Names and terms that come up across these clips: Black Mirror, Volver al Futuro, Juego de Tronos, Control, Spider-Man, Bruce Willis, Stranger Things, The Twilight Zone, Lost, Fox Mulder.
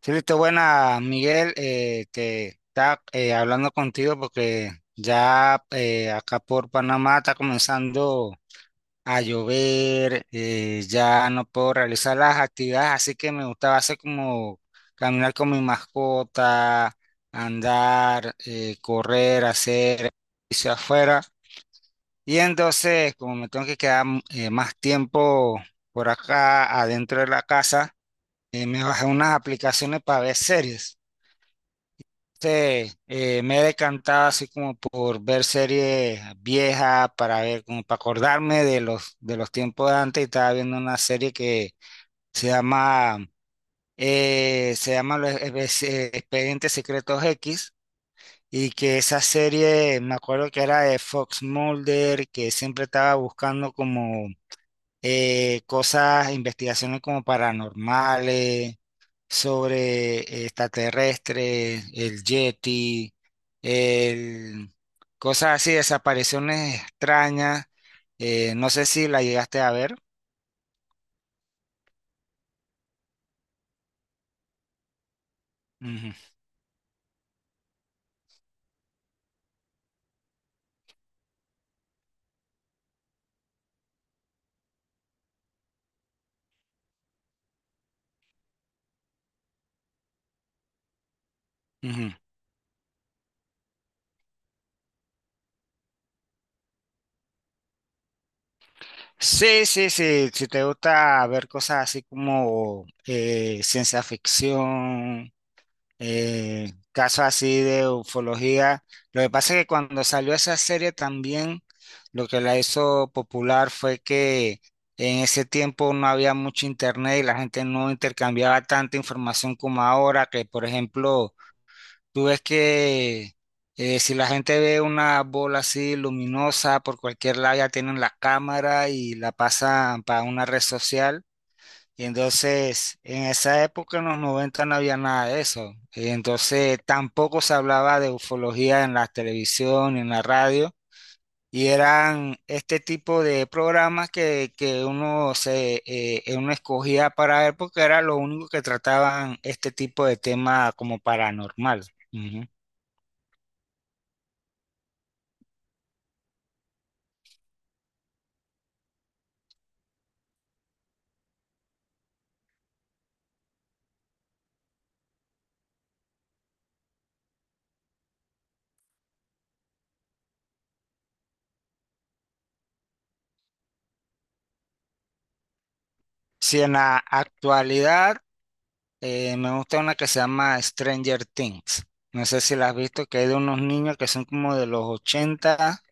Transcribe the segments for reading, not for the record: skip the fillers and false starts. Sí, listo, buena, Miguel, que está hablando contigo porque ya acá por Panamá está comenzando a llover. Ya no puedo realizar las actividades, así que me gustaba hacer como caminar con mi mascota, andar, correr, hacer ejercicio afuera. Y entonces, como me tengo que quedar más tiempo por acá adentro de la casa, me bajé unas aplicaciones para ver series. Sí, me he decantado así como por ver series viejas para ver, como para acordarme de los tiempos de antes y estaba viendo una serie que se llama los Expedientes Secretos X, y que esa serie me acuerdo que era de Fox Mulder, que siempre estaba buscando como cosas, investigaciones como paranormales sobre extraterrestres, el Yeti, el, cosas así, desapariciones extrañas. No sé si la llegaste a ver. Ujú, ujú. Sí, sí, sí. Si te gusta ver cosas así como ciencia ficción, casos así de ufología. Lo que pasa es que cuando salió esa serie también, lo que la hizo popular fue que en ese tiempo no había mucho internet y la gente no intercambiaba tanta información como ahora, que por ejemplo, tú ves que si la gente ve una bola así luminosa por cualquier lado, ya tienen la cámara y la pasan para una red social. Y entonces, en esa época, en los 90 no había nada de eso. Y entonces, tampoco se hablaba de ufología en la televisión ni en la radio. Y eran este tipo de programas que uno, se, uno escogía para ver porque era lo único que trataban este tipo de tema como paranormal. Ujú. Si en la actualidad, me gusta una que se llama Stranger Things. No sé si la has visto. Que es de unos niños que son como de los ochenta,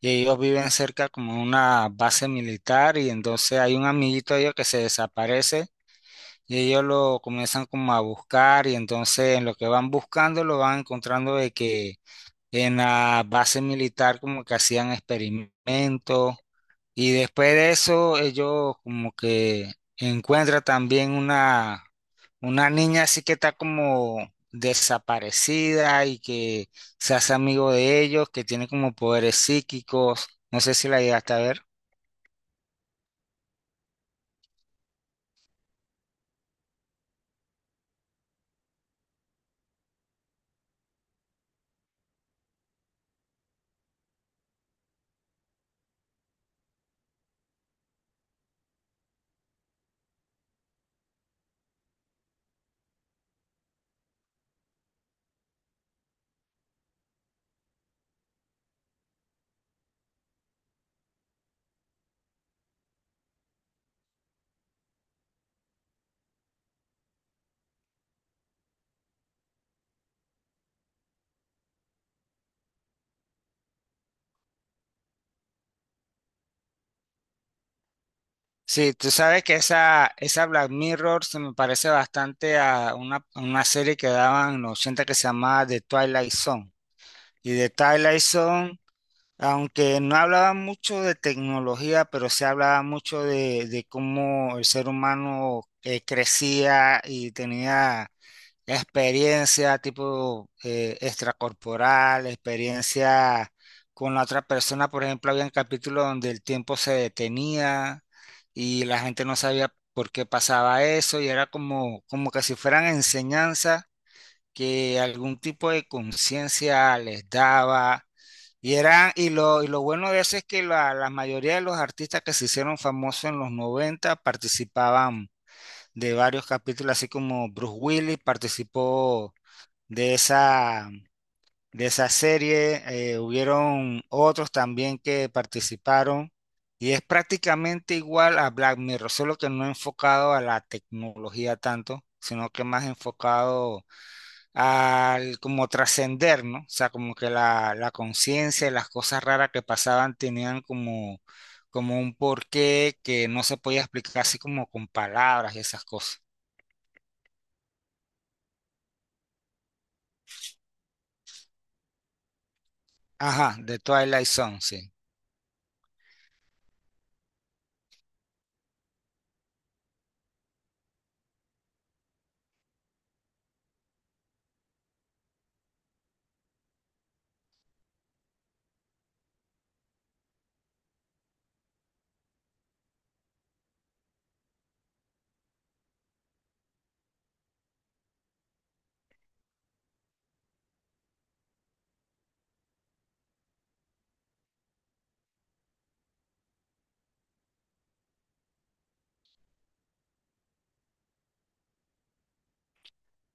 y ellos viven cerca como una base militar, y entonces hay un amiguito de ellos que se desaparece y ellos lo comienzan como a buscar, y entonces en lo que van buscando lo van encontrando de que en la base militar como que hacían experimentos, y después de eso, ellos como que encuentran también una niña así que está como desaparecida y que se hace amigo de ellos, que tiene como poderes psíquicos. No sé si la llegaste a ver. Sí, tú sabes que esa Black Mirror se me parece bastante a una serie que daban en los 80, que se llamaba The Twilight Zone. Y The Twilight Zone, aunque no hablaba mucho de tecnología, pero se hablaba mucho de cómo el ser humano crecía y tenía experiencia tipo extracorporal, experiencia con la otra persona. Por ejemplo, había un capítulo donde el tiempo se detenía y la gente no sabía por qué pasaba eso, y era como, como que si fueran enseñanzas que algún tipo de conciencia les daba. Y lo bueno de eso es que la mayoría de los artistas que se hicieron famosos en los 90 participaban de varios capítulos. Así como Bruce Willis participó de esa, de esa serie, hubieron otros también que participaron. Y es prácticamente igual a Black Mirror, solo que no enfocado a la tecnología tanto, sino que más enfocado al como trascender, ¿no? O sea, como que la conciencia y las cosas raras que pasaban tenían como, como un porqué que no se podía explicar así como con palabras y esas cosas. Ajá, de Twilight Zone, sí.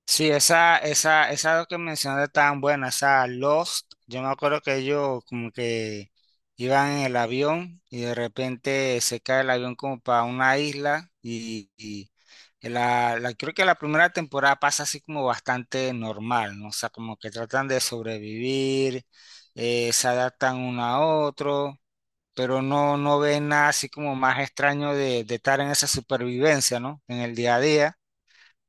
Sí, esa que mencionaste tan buena, esa Lost, yo me acuerdo que ellos como que iban en el avión, y de repente se cae el avión como para una isla, y creo que la primera temporada pasa así como bastante normal, ¿no? O sea, como que tratan de sobrevivir, se adaptan uno a otro, pero no, no ven nada así como más extraño de estar en esa supervivencia, ¿no? En el día a día.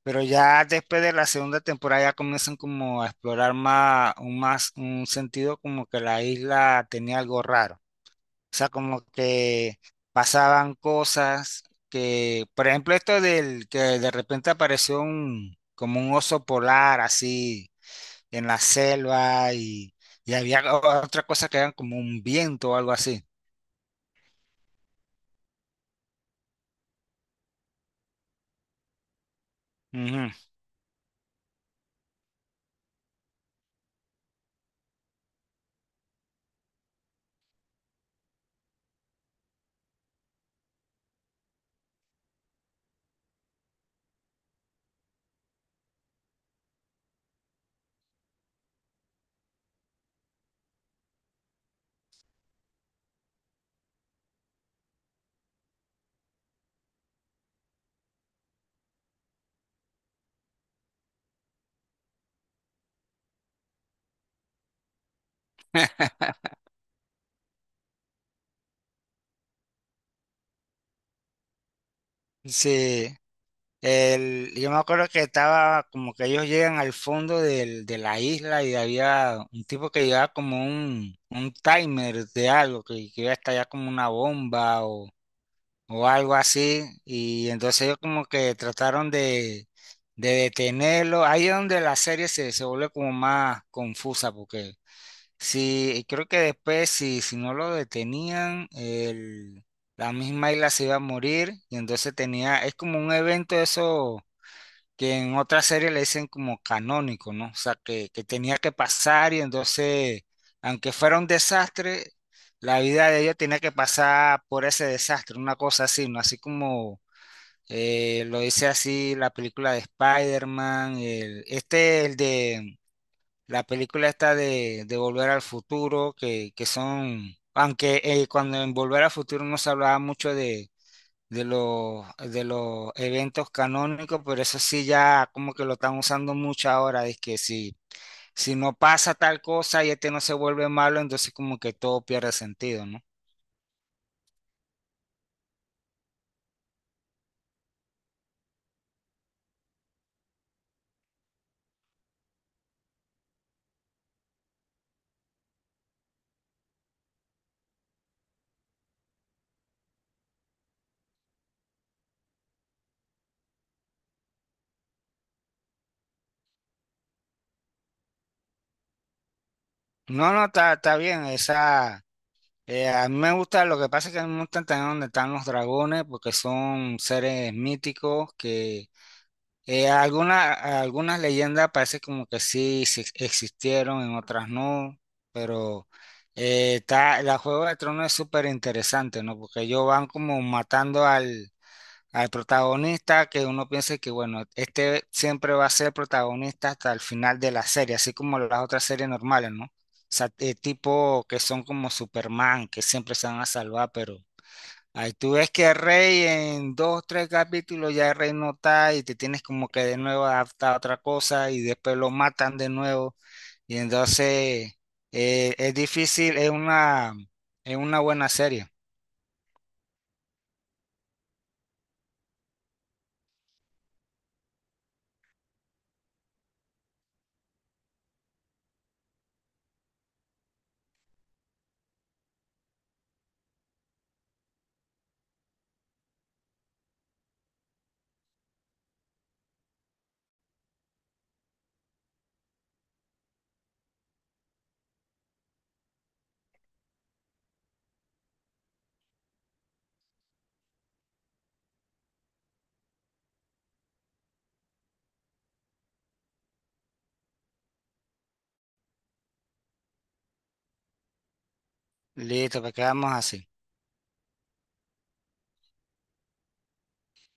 Pero ya después de la segunda temporada ya comienzan como a explorar más un sentido como que la isla tenía algo raro. O sea, como que pasaban cosas que, por ejemplo, esto del que de repente apareció un, como un oso polar así en la selva, y había otra cosa que era como un viento o algo así. Ujú. Sí, el, yo me acuerdo que estaba como que ellos llegan al fondo de la isla y había un tipo que llevaba como un timer de algo, que iba a estallar como una bomba, o algo así. Y entonces ellos como que trataron de detenerlo. Ahí es donde la serie se, se vuelve como más confusa, porque sí, y creo que después si no lo detenían, el, la misma isla se iba a morir. Y entonces tenía, es como un evento eso que en otra serie le dicen como canónico, ¿no? O sea, que tenía que pasar, y entonces, aunque fuera un desastre, la vida de ella tenía que pasar por ese desastre, una cosa así, ¿no? Así como lo dice así la película de Spider-Man, este, el de la película esta de Volver al Futuro, que son, aunque cuando en Volver al Futuro no se hablaba mucho de de los eventos canónicos, pero eso sí ya como que lo están usando mucho ahora, es que si, si no pasa tal cosa y este no se vuelve malo, entonces como que todo pierde sentido, ¿no? No, no, está, está bien, esa... a mí me gusta, lo que pasa es que a mí me gusta también donde están los dragones, porque son seres míticos que... alguna, algunas leyendas parece como que sí, sí existieron, en otras no, pero está, la Juego de Tronos es súper interesante, ¿no? Porque ellos van como matando al, al protagonista, que uno piensa que, bueno, este siempre va a ser protagonista hasta el final de la serie, así como las otras series normales, ¿no? O sea, tipo que son como Superman, que siempre se van a salvar, pero ahí tú ves que Rey en dos, tres capítulos ya Rey no está y te tienes como que de nuevo adaptar a otra cosa y después lo matan de nuevo. Y entonces es difícil, es una buena serie. Listo, pues quedamos así.